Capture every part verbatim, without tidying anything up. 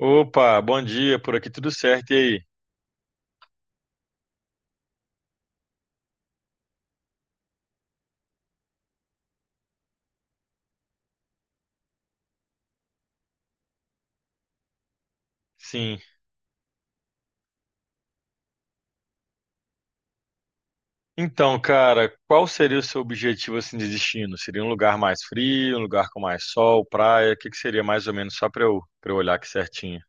Opa, bom dia, por aqui tudo certo, e aí? Sim. Então, cara, qual seria o seu objetivo assim de destino? Seria um lugar mais frio, um lugar com mais sol, praia? O que que seria mais ou menos só para eu, para eu olhar aqui certinho?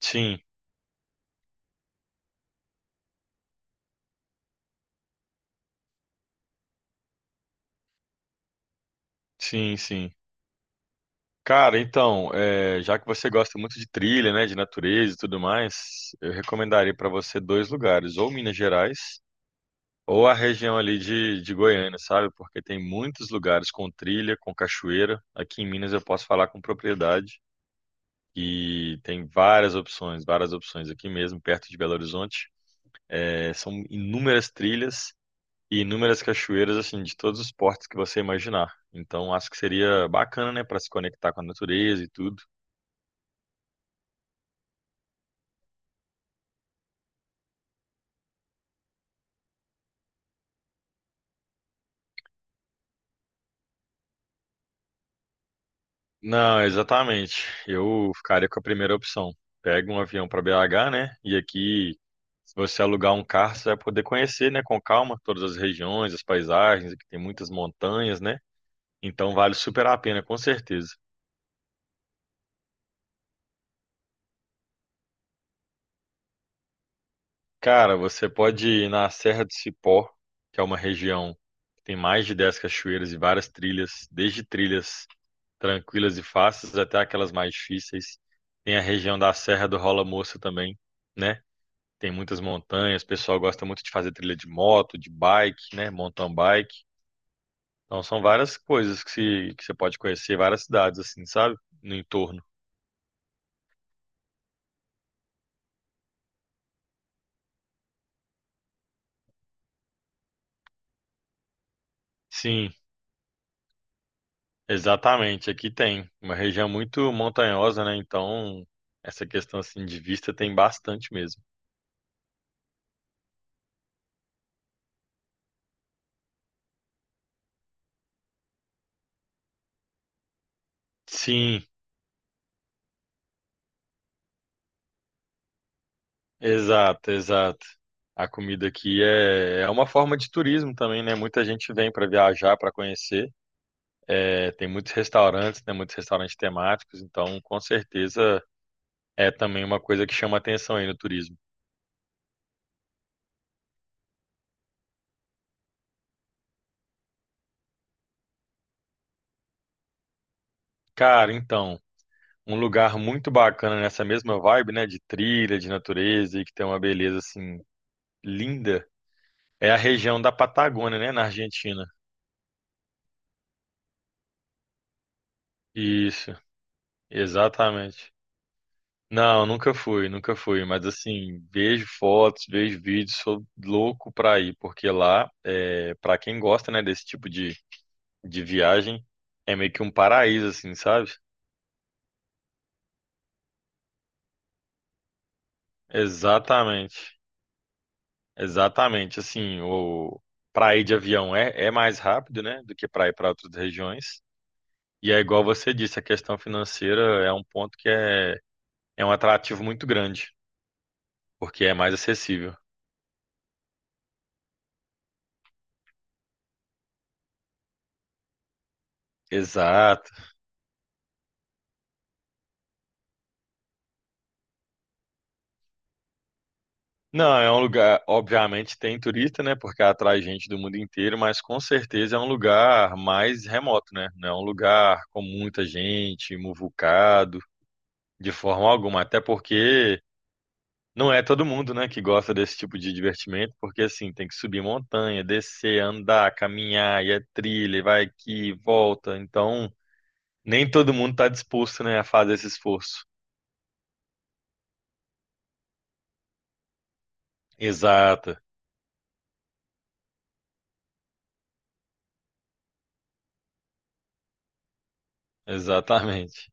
Sim, sim, sim. Cara, então, é, já que você gosta muito de trilha, né, de natureza e tudo mais, eu recomendaria para você dois lugares, ou Minas Gerais, ou a região ali de, de Goiânia, sabe? Porque tem muitos lugares com trilha, com cachoeira. Aqui em Minas eu posso falar com propriedade. E tem várias opções, várias opções aqui mesmo, perto de Belo Horizonte. É, são inúmeras trilhas e inúmeras cachoeiras, assim, de todos os portos que você imaginar. Então, acho que seria bacana, né, para se conectar com a natureza e tudo. Não, exatamente. Eu ficaria com a primeira opção. Pega um avião para bê agá, né? E aqui, se você alugar um carro, você vai poder conhecer, né, com calma, todas as regiões, as paisagens, aqui tem muitas montanhas, né? Então, vale super a pena, com certeza. Cara, você pode ir na Serra do Cipó, que é uma região que tem mais de dez cachoeiras e várias trilhas, desde trilhas tranquilas e fáceis até aquelas mais difíceis. Tem a região da Serra do Rola Moça também, né? Tem muitas montanhas, o pessoal gosta muito de fazer trilha de moto, de bike, né? Mountain bike. Então são várias coisas que, se, que você pode conhecer, várias cidades assim, sabe? No entorno. Sim, exatamente, aqui tem uma região muito montanhosa, né? Então, essa questão assim de vista tem bastante mesmo. Sim, exato, exato. A comida aqui é, é uma forma de turismo também, né? Muita gente vem para viajar, para conhecer. É, tem muitos restaurantes, né? Muitos restaurantes temáticos, então com certeza é também uma coisa que chama atenção aí no turismo. Cara, então, um lugar muito bacana nessa mesma vibe, né? De trilha, de natureza e que tem uma beleza assim linda. É a região da Patagônia, né, na Argentina. Isso, exatamente. Não, nunca fui, nunca fui, mas assim, vejo fotos, vejo vídeos, sou louco pra ir, porque lá, é, pra quem gosta, né, desse tipo de, de viagem, é meio que um paraíso, assim, sabe? Exatamente, exatamente. Assim, o para ir de avião é, é mais rápido, né, do que para ir para outras regiões. E é igual você disse, a questão financeira é um ponto que é, é um atrativo muito grande, porque é mais acessível. Exato. Não, é um lugar, obviamente tem turista, né? Porque atrai gente do mundo inteiro, mas com certeza é um lugar mais remoto, né? Não é um lugar com muita gente, muvucado, de forma alguma. Até porque não é todo mundo, né, que gosta desse tipo de divertimento, porque assim, tem que subir montanha, descer, andar, caminhar, e é trilha, e vai aqui, e volta. Então, nem todo mundo está disposto, né, a fazer esse esforço. Exato, exatamente.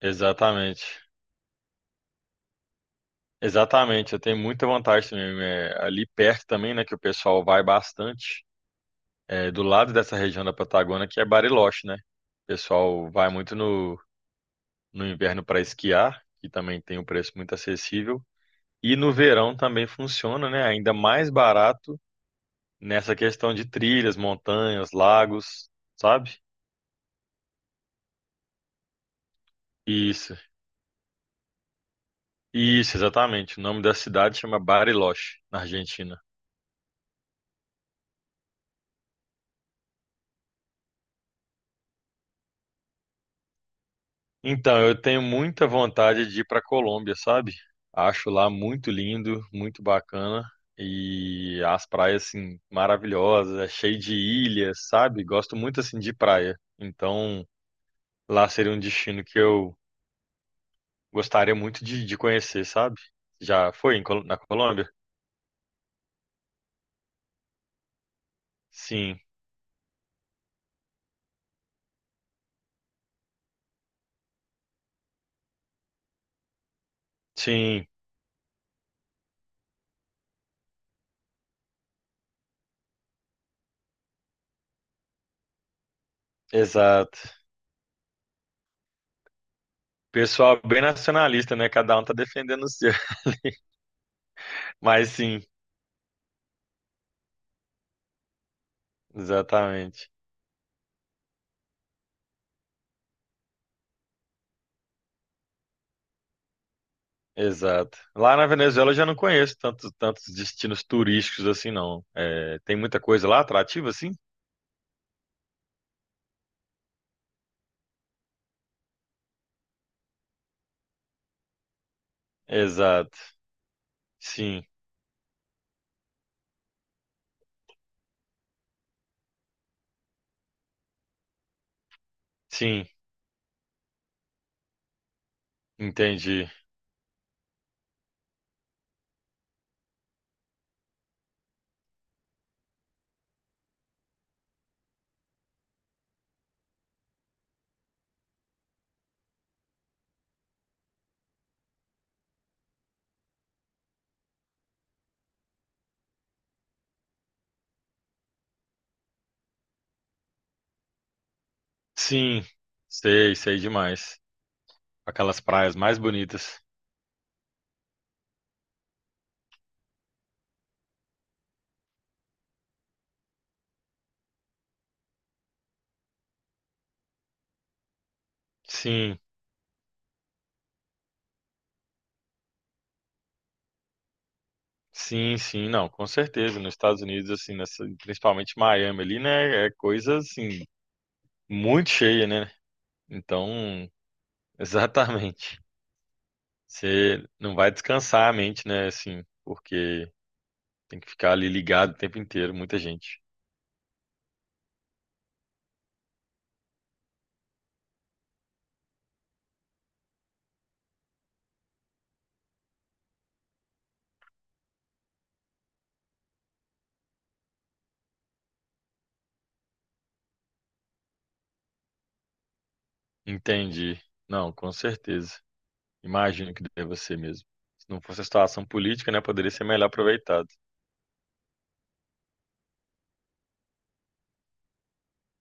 Exatamente. Exatamente, eu tenho muita vantagem também. É, ali perto também, né, que o pessoal vai bastante, é, do lado dessa região da Patagônia, que é Bariloche, né? O pessoal vai muito no, no inverno para esquiar, que também tem um preço muito acessível. E no verão também funciona, né? Ainda mais barato nessa questão de trilhas, montanhas, lagos, sabe? Isso, isso, exatamente. O nome da cidade chama Bariloche, na Argentina. Então, eu tenho muita vontade de ir para Colômbia, sabe? Acho lá muito lindo, muito bacana e as praias assim maravilhosas, é cheio de ilhas, sabe? Gosto muito assim de praia. Então, lá seria um destino que eu gostaria muito de, de conhecer, sabe? Já foi em Col- na Colômbia? Sim, sim, exato. Pessoal bem nacionalista, né? Cada um tá defendendo o seu. Mas sim, exatamente. Exato. Lá na Venezuela eu já não conheço tantos, tantos destinos turísticos assim, não. É, tem muita coisa lá atrativa, assim? Exato. Sim, sim, entendi. Sim, sei, sei demais. Aquelas praias mais bonitas. Sim, sim, sim, não, com certeza. Nos Estados Unidos, assim, nessa, principalmente Miami ali, né? É coisa, assim, muito cheia, né? Então, exatamente. Você não vai descansar a mente, né? Assim, porque tem que ficar ali ligado o tempo inteiro, muita gente. Entendi. Não, com certeza. Imagino que deva ser mesmo. Se não fosse a situação política, né, poderia ser melhor aproveitado.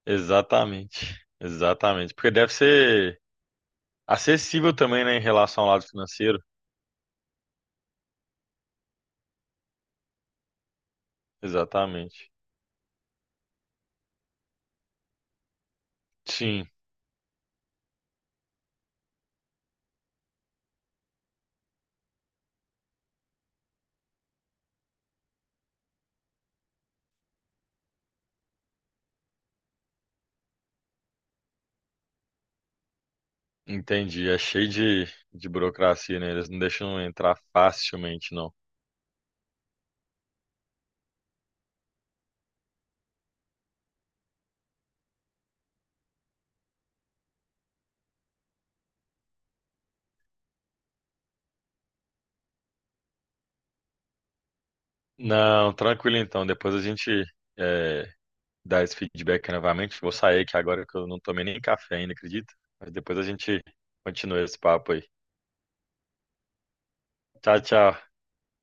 Exatamente. Exatamente. Porque deve ser acessível também, né, em relação ao lado financeiro. Exatamente. Sim, entendi. É cheio de, de burocracia, né? Eles não deixam entrar facilmente, não. Não, tranquilo então. Depois a gente, é, dar esse feedback novamente. Vou sair aqui agora que eu não tomei nem café ainda, acredita? Mas depois a gente continua esse papo aí. Tchau, tchau.